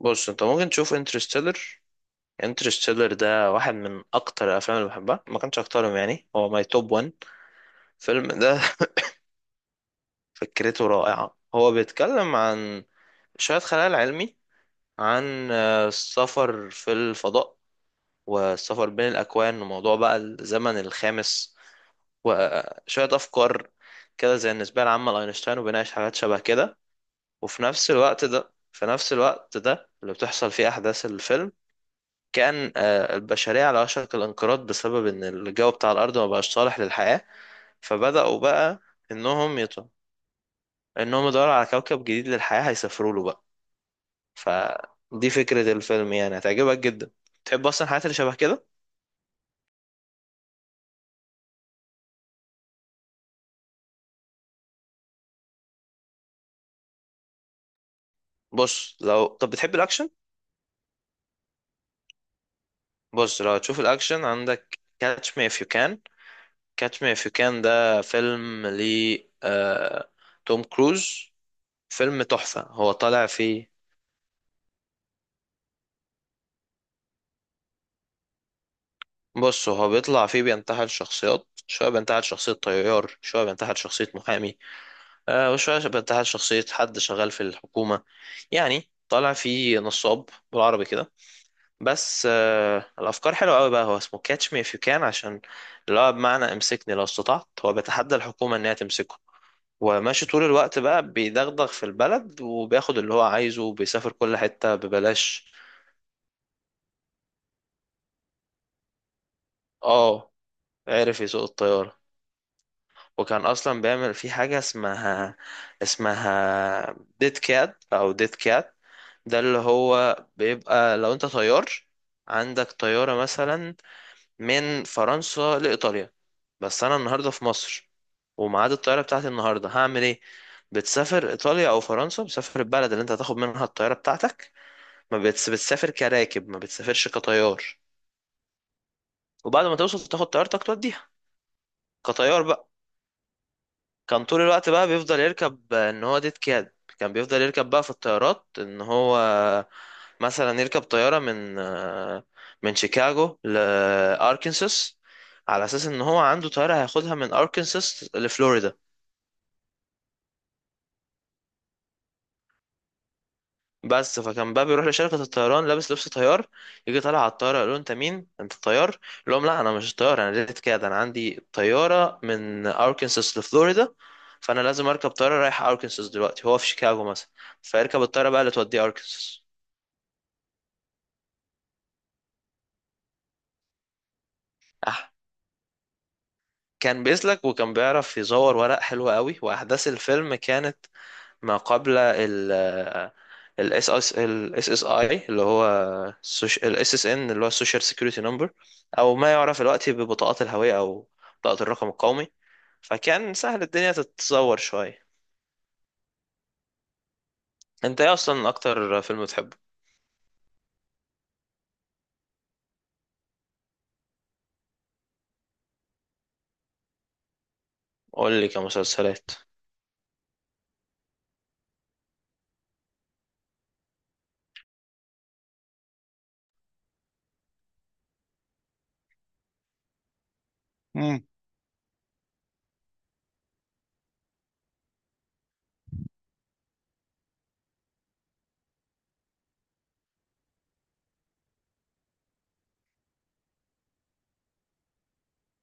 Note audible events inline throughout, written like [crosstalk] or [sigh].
بص، انت ممكن تشوف انترستيلر. انترستيلر ده واحد من اكتر الافلام اللي بحبها، ما كانش اكترهم يعني، هو ماي توب 1 فيلم ده. [laughs] فكرته رائعة، هو بيتكلم عن شوية خيال علمي، عن السفر في الفضاء، والسفر بين الاكوان، وموضوع بقى الزمن الخامس، وشوية افكار كده زي النسبة العامة لاينشتاين، وبيناقش حاجات شبه كده. وفي نفس الوقت ده اللي بتحصل فيه احداث الفيلم، كان البشرية على وشك الانقراض بسبب إن الجو بتاع الأرض ما بقاش صالح للحياة. فبدأوا بقى، إنهم يط... إنهم يدوروا على كوكب جديد للحياة، هيسافروا له بقى. فدي فكرة الفيلم، يعني هتعجبك جدا، تحب أصلا الحاجات اللي شبه كده. بص، لو طب بتحب الأكشن، بص لو هتشوف الأكشن، عندك كاتش مي اف يو كان. كاتش مي اف يو كان ده فيلم ل آه... توم كروز، فيلم تحفة هو طالع فيه. بص، هو بيطلع فيه بينتحل شخصيات، شوية بينتحل شخصية طيار، شوية بينتحل شخصية محامي، وشوية بينتحل شخصية حد شغال في الحكومة، يعني طالع فيه نصاب بالعربي كده. بس الأفكار حلوة أوي بقى. هو اسمه كاتش مي إف يو كان، عشان اللي هو بمعنى امسكني لو استطعت، هو بيتحدى الحكومة إنها تمسكه، وماشي طول الوقت بقى بيدغدغ في البلد، وبياخد اللي هو عايزه، وبيسافر كل حتة ببلاش. اه، عرف يسوق الطيارة، وكان اصلا بيعمل في حاجه اسمها اسمها ديت كات او ديت كات. ده اللي هو بيبقى لو انت طيار، عندك طياره مثلا من فرنسا لايطاليا، بس انا النهارده في مصر، وميعاد الطياره بتاعتي النهارده، هعمل ايه؟ بتسافر ايطاليا او فرنسا، بتسافر البلد اللي انت هتاخد منها الطياره بتاعتك، ما بتس... بتسافر كراكب، ما بتسافرش كطيار. وبعد ما توصل، تاخد طيارتك توديها كطيار بقى. كان طول الوقت بقى بيفضل يركب ان هو ديت كاد، كان بيفضل يركب بقى في الطيارات ان هو مثلا يركب طيارة من شيكاغو لأركنساس، على اساس ان هو عنده طيارة هياخدها من أركنساس لفلوريدا. بس فكان بقى بيروح لشركة الطيران لابس لبس طيار، يجي طالع على الطيارة، يقول له انت مين؟ انت الطيار؟ يقول لهم لا، انا مش طيار، انا ريت كده، انا عندي طيارة من اركنساس لفلوريدا، فانا لازم اركب طيارة رايحة اركنساس دلوقتي، هو في شيكاغو مثلا، فيركب الطيارة بقى اللي توديه اركنساس. اه، كان بيسلك، وكان بيعرف يزور ورق حلو قوي، واحداث الفيلم كانت ما قبل ال ال SS ال SSI اللي هو السوش- ال SSN اللي هو السوشيال سيكيورتي نمبر، او ما يعرف الوقت ببطاقات الهوية، او بطاقة الرقم القومي، فكان سهل الدنيا تتزور شوية. انت ايه اصلا اكتر فيلم بتحبه؟ قول لي كمسلسلات. امم.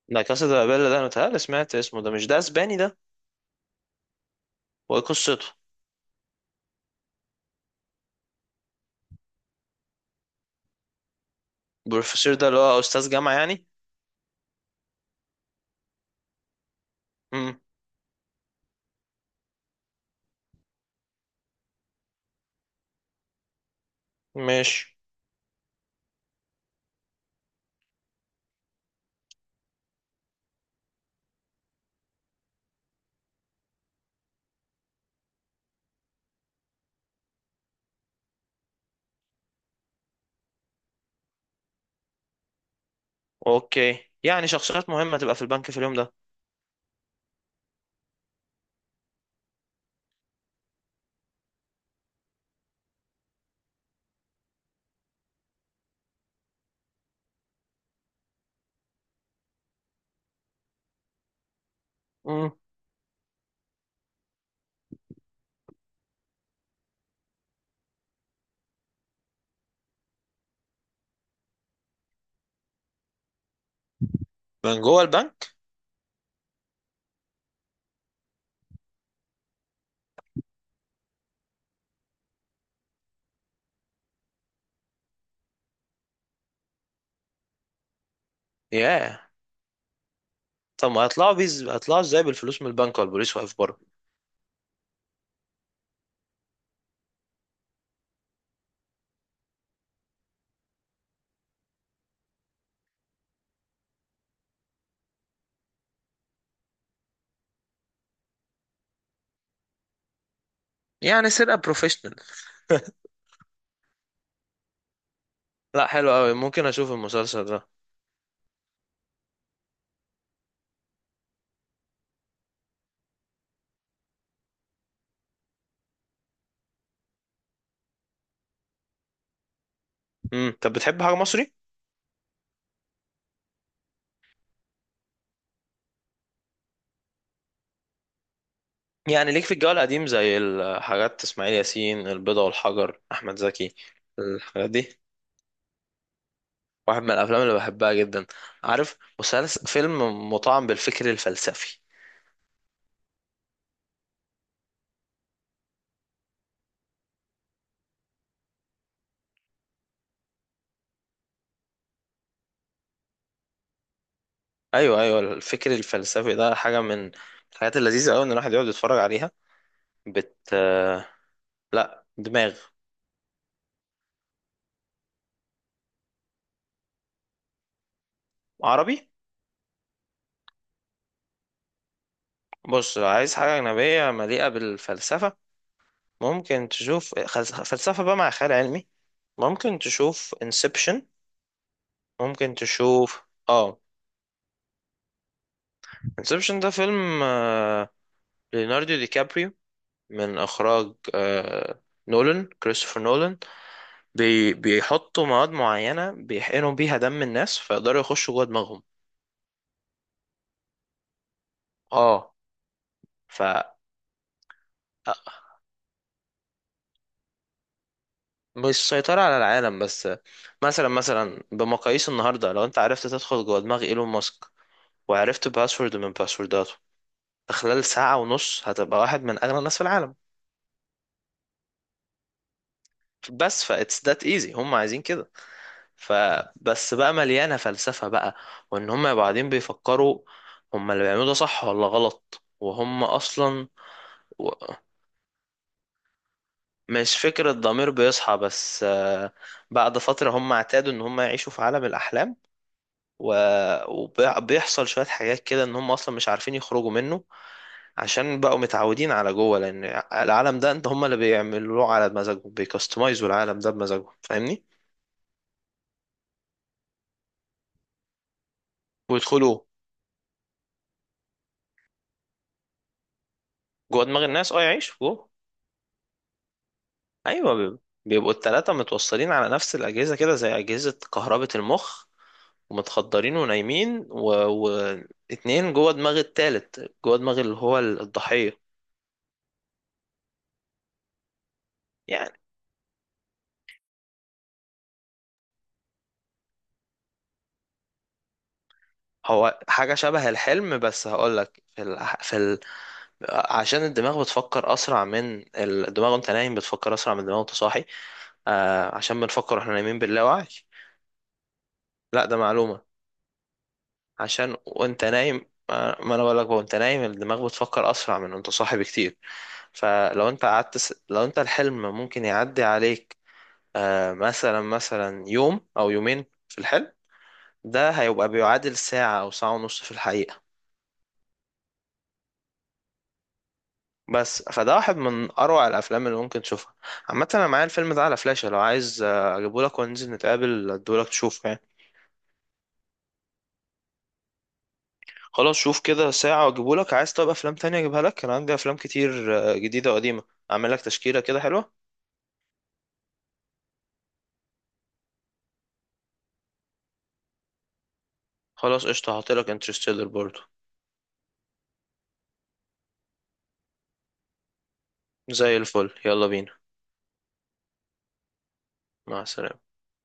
لا كاسا دي بابيل ده، انا متهيألي سمعت اسمه، ده مش ده اسباني ده؟ وايه قصته؟ بروفيسور ده اللي هو استاذ جامعة يعني؟ امم. ماشي. اوكي، يعني شخصيات مهمة تبقى في البنك في اليوم ده. امم. من جوه البنك؟ ياه. طب ما هيطلعوا هيطلعوا ازاي بالفلوس من البنك والبوليس واقف بره؟ يعني سرقة بروفيشنال. لا، حلو قوي، ممكن اشوف المسلسل ده. امم. طب بتحب حاجة مصري؟ يعني ليك في الجو القديم، زي الحاجات، اسماعيل ياسين، البيضة والحجر، احمد زكي، الحاجات دي، واحد من الافلام اللي بحبها جدا. عارف مسلسل فيلم مطعم بالفكر الفلسفي؟ ايوه ايوه، الفكر الفلسفي ده حاجة من الحاجات اللذيذة قوي ان الواحد يقعد يتفرج عليها. بت لا دماغ. عربي؟ بص، لو عايز حاجة أجنبية مليئة بالفلسفة، ممكن تشوف فلسفة بقى مع خيال علمي، ممكن تشوف انسبشن. ممكن تشوف اه انسبشن ده فيلم ليوناردو دي كابريو، من إخراج كريستوفر نولان. بيحطوا مواد معينة، بيحقنوا بيها دم الناس، فيقدروا يخشوا جوه دماغهم. اه. ف آه، مش سيطرة على العالم بس، مثلا بمقاييس النهاردة، لو انت عرفت تدخل جوه دماغ ايلون ماسك، وعرفت باسورد من باسورداته، خلال ساعة ونص هتبقى واحد من أغنى الناس في العالم. بس فا it's that easy، هم عايزين كده. فبس بقى مليانة فلسفة بقى، وإن هم يبقوا قاعدين بيفكروا هم اللي بيعملوه ده صح ولا غلط، وهم أصلا و... مش فكرة ضمير بيصحى، بس بعد فترة هم اعتادوا إن هم يعيشوا في عالم الأحلام، و... وبيحصل شوية حاجات كده إن هم أصلا مش عارفين يخرجوا منه، عشان بقوا متعودين على جوه، لان العالم ده انت هم اللي بيعملوه على مزاجهم، بيكستمايزوا العالم ده بمزاجهم، فاهمني. ويدخلوا جوه دماغ الناس، اه يعيشوا جوه. ايوه، بيبقوا التلاتة متوصلين على نفس الاجهزه كده زي اجهزه كهربة المخ، ومتخدرين ونايمين واتنين جوه دماغ التالت، جوه دماغ اللي هو الضحيه. يعني هو حاجة شبه الحلم، بس هقولك عشان الدماغ بتفكر أسرع من الدماغ وأنت نايم، بتفكر أسرع من الدماغ وأنت صاحي، عشان بنفكر واحنا نايمين باللا وعي. لا ده معلومة. عشان وأنت نايم ما أنا بقولك بقى، وأنت نايم الدماغ بتفكر أسرع من وأنت صاحي بكتير. فلو أنت قعدت لو أنت الحلم ممكن يعدي عليك، مثلا يوم أو يومين في الحلم، ده هيبقى بيعادل ساعة أو ساعة ونص في الحقيقة. بس فده واحد من اروع الافلام اللي ممكن تشوفها. عامه انا معايا الفيلم ده على فلاشة، لو عايز اجيبهولك وننزل نتقابل اديهولك تشوفه يعني. خلاص، شوف كده ساعه واجيبهولك، عايز طب افلام تانية اجيبها لك؟ انا عندي افلام كتير جديده وقديمه، اعمل لك تشكيله كده حلوه. خلاص قشطه، هحط لك انترستيلر برضو. زي الفل، يلا بينا. مع السلامه.